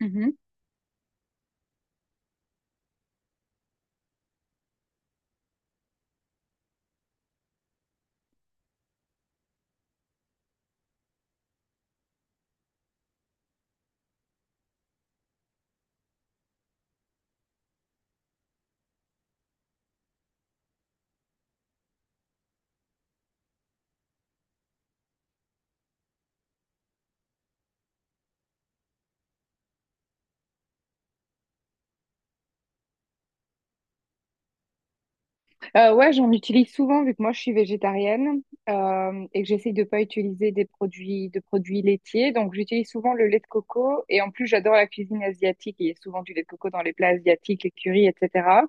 Mhm. Ouais, j'en utilise souvent vu que moi je suis végétarienne et que j'essaye de pas utiliser des produits laitiers. Donc j'utilise souvent le lait de coco et en plus j'adore la cuisine asiatique. Il y a souvent du lait de coco dans les plats asiatiques, les currys, etc.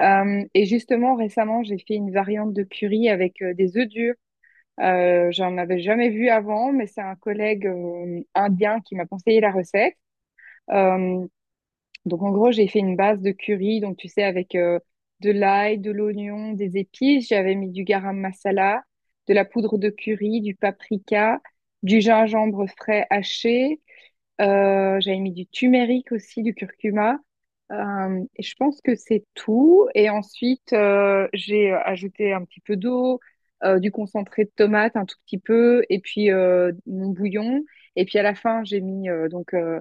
Et justement récemment j'ai fait une variante de curry avec des œufs durs. J'en avais jamais vu avant, mais c'est un collègue indien qui m'a conseillé la recette. Euh, Donc, en gros, j'ai fait une base de curry, donc tu sais, avec de l'ail, de l'oignon, des épices. J'avais mis du garam masala, de la poudre de curry, du paprika, du gingembre frais haché. J'avais mis du turmeric aussi, du curcuma. Et je pense que c'est tout. Et ensuite, j'ai ajouté un petit peu d'eau, du concentré de tomate, un tout petit peu, et puis mon bouillon. Et puis à la fin, j'ai mis euh, donc euh,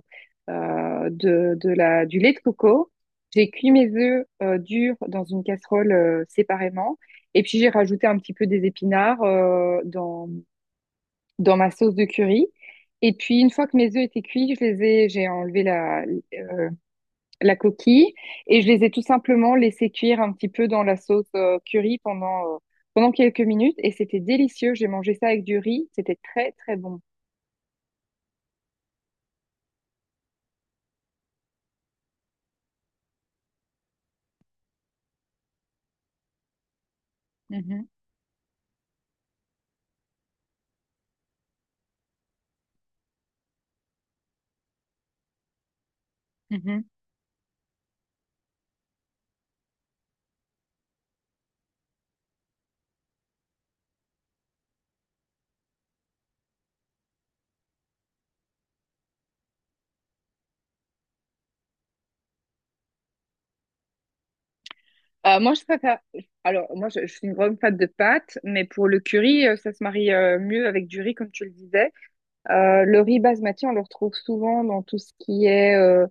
euh, de, de la, du lait de coco. J'ai cuit mes œufs durs dans une casserole séparément. Et puis j'ai rajouté un petit peu des épinards dans ma sauce de curry. Et puis, une fois que mes œufs étaient cuits, j'ai enlevé euh, la coquille et je les ai tout simplement laissés cuire un petit peu dans la sauce curry pendant, pendant quelques minutes. Et c'était délicieux. J'ai mangé ça avec du riz. C'était très, très bon. Mhm, mhm. Moi, je préfère. Alors, moi, je suis une grande fan de pâtes, mais pour le curry, ça se marie mieux avec du riz, comme tu le disais. Le riz basmati, on le retrouve souvent dans tout ce qui est euh,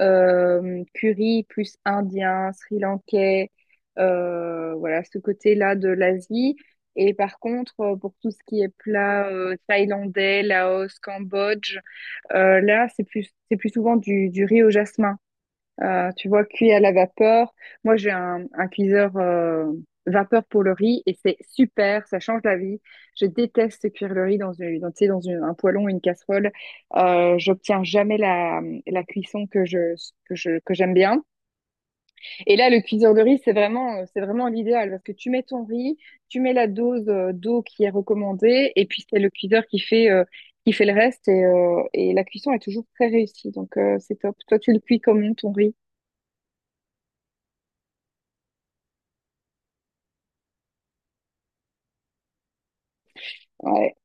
euh, curry plus indien, sri-lankais, voilà, ce côté-là de l'Asie. Et par contre, pour tout ce qui est plat thaïlandais, Laos, Cambodge, là, c'est plus souvent du riz au jasmin. Tu vois, cuit à la vapeur. Moi, j'ai un cuiseur vapeur pour le riz et c'est super, ça change la vie. Je déteste cuire le riz tu sais, un poêlon, une casserole. J'obtiens jamais la cuisson que j'aime bien. Et là, le cuiseur de riz, c'est vraiment l'idéal parce que tu mets ton riz, tu mets la dose d'eau qui est recommandée et puis c'est le cuiseur qui fait le reste et la cuisson est toujours très réussie. Donc, c'est top. Toi, tu le cuis comment ton riz? Ouais.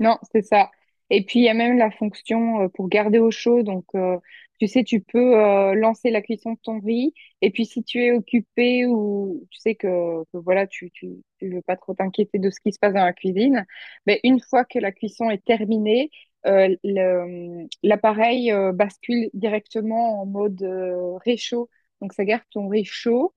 Non, c'est ça. Et puis, il y a même la fonction pour garder au chaud. Donc, tu sais, tu peux lancer la cuisson de ton riz. Et puis, si tu es occupé ou tu sais que voilà, tu veux pas trop t'inquiéter de ce qui se passe dans la cuisine, mais une fois que la cuisson est terminée, l'appareil bascule directement en mode réchaud. Donc, ça garde ton riz chaud.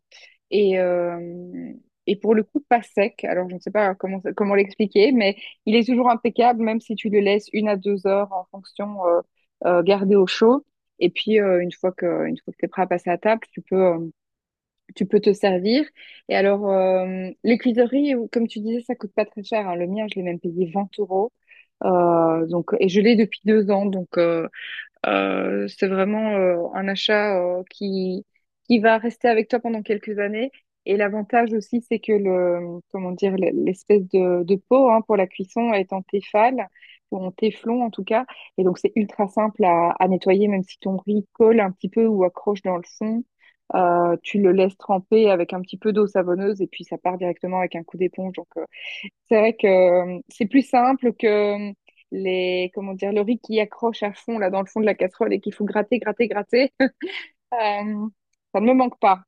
Et, euh, et pour le coup, pas sec. Alors, je ne sais pas comment l'expliquer, mais il est toujours impeccable, même si tu le laisses une à 2 heures en fonction, gardé au chaud. Et puis, une fois que tu es prêt à passer à table, tu peux te servir. Et alors, les cuisseries, comme tu disais, ça coûte pas très cher, hein. Le mien, je l'ai même payé 20 euros. Donc, et je l'ai depuis 2 ans. Donc, c'est vraiment un achat qui va rester avec toi pendant quelques années. Et l'avantage aussi, c'est que le, comment dire, l'espèce de pot hein, pour la cuisson est en Tefal, ou en téflon en tout cas. Et donc, c'est ultra simple à nettoyer, même si ton riz colle un petit peu ou accroche dans le fond. Tu le laisses tremper avec un petit peu d'eau savonneuse et puis ça part directement avec un coup d'éponge. Donc, c'est vrai que c'est plus simple que les, comment dire, le riz qui accroche à fond là dans le fond de la casserole et qu'il faut gratter, gratter, gratter. Euh, ça ne me manque pas.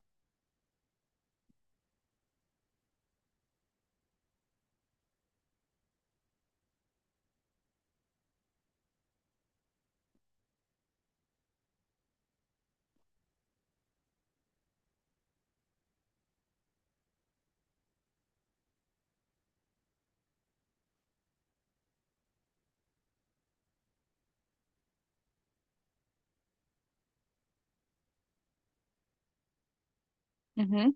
Mhm.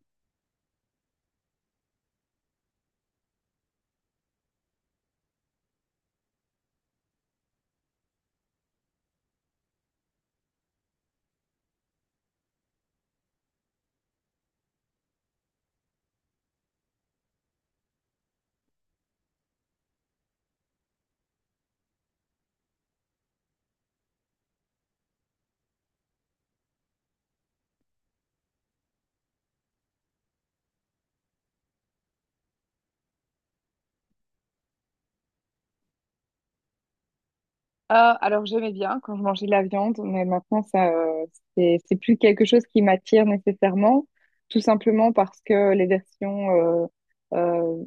Euh, alors j'aimais bien quand je mangeais de la viande, mais maintenant ça, c'est plus quelque chose qui m'attire nécessairement, tout simplement parce que les versions euh,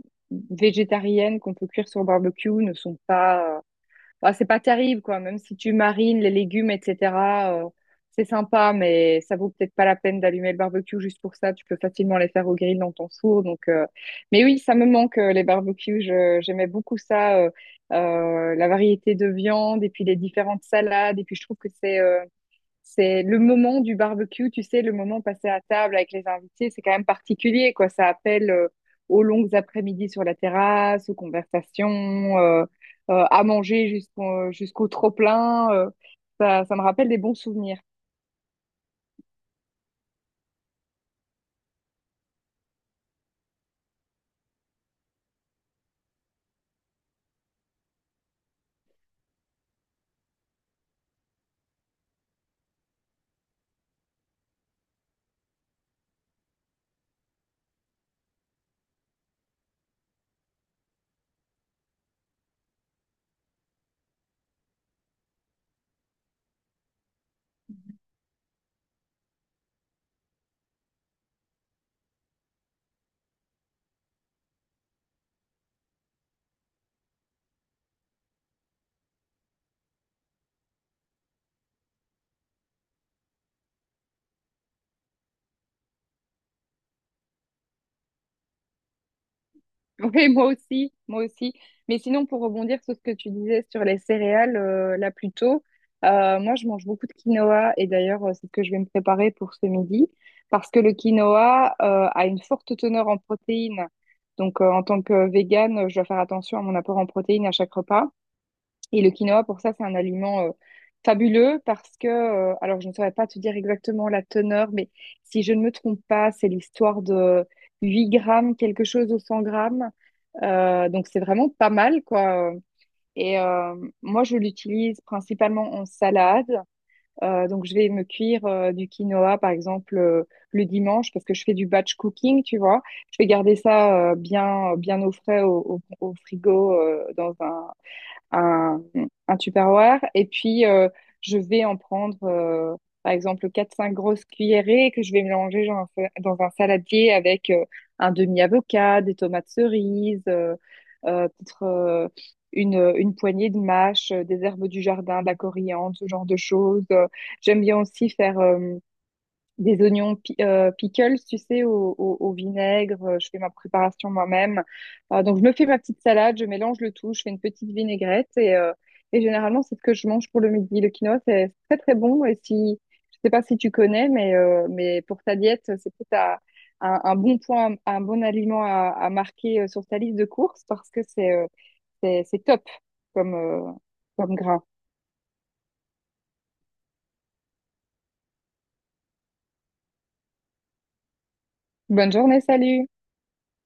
végétariennes qu'on peut cuire sur barbecue ne sont pas bah, c'est pas terrible, quoi. Même si tu marines les légumes, etc., euh, c'est sympa, mais ça vaut peut-être pas la peine d'allumer le barbecue juste pour ça. Tu peux facilement les faire au grill dans ton four. Donc, mais oui, ça me manque, les barbecues. J'aimais beaucoup ça, la variété de viande et puis les différentes salades. Et puis, je trouve que c'est le moment du barbecue, tu sais, le moment passé à table avec les invités, c'est quand même particulier, quoi. Ça appelle aux longues après-midi sur la terrasse, aux conversations, euh, à manger jusqu'au trop-plein. Ça, ça me rappelle des bons souvenirs. Oui, moi aussi, moi aussi. Mais sinon, pour rebondir sur ce que tu disais sur les céréales, là plus tôt, moi je mange beaucoup de quinoa et d'ailleurs c'est ce que je vais me préparer pour ce midi parce que le quinoa a une forte teneur en protéines. Donc en tant que végane, je dois faire attention à mon apport en protéines à chaque repas. Et le quinoa, pour ça, c'est un aliment fabuleux parce que, alors je ne saurais pas te dire exactement la teneur, mais si je ne me trompe pas, c'est l'histoire de 8 grammes, quelque chose au 100 grammes. Donc c'est vraiment pas mal, quoi. Et euh, moi, je l'utilise principalement en salade. Donc je vais me cuire du quinoa, par exemple, le dimanche parce que je fais du batch cooking, tu vois. Je vais garder ça bien au frais au frigo dans un, un Tupperware. Et puis, je vais en prendre, par exemple, quatre cinq grosses cuillerées que je vais mélanger dans un saladier avec un demi-avocat, des tomates cerises, euh, peut-être euh, une poignée de mâches, des herbes du jardin, de la coriandre, ce genre de choses. J'aime bien aussi faire des pickles, tu sais, au vinaigre. Je fais ma préparation moi-même. Donc, je me fais ma petite salade, je mélange le tout, je fais une petite vinaigrette et généralement, c'est ce que je mange pour le midi. Le quinoa, c'est très, très bon. Et si, je sais pas si tu connais, mais pour ta diète, c'est peut-être à- un bon point, un bon aliment à marquer sur ta liste de courses parce que c'est c'est top comme, comme gras. Bonne journée, salut!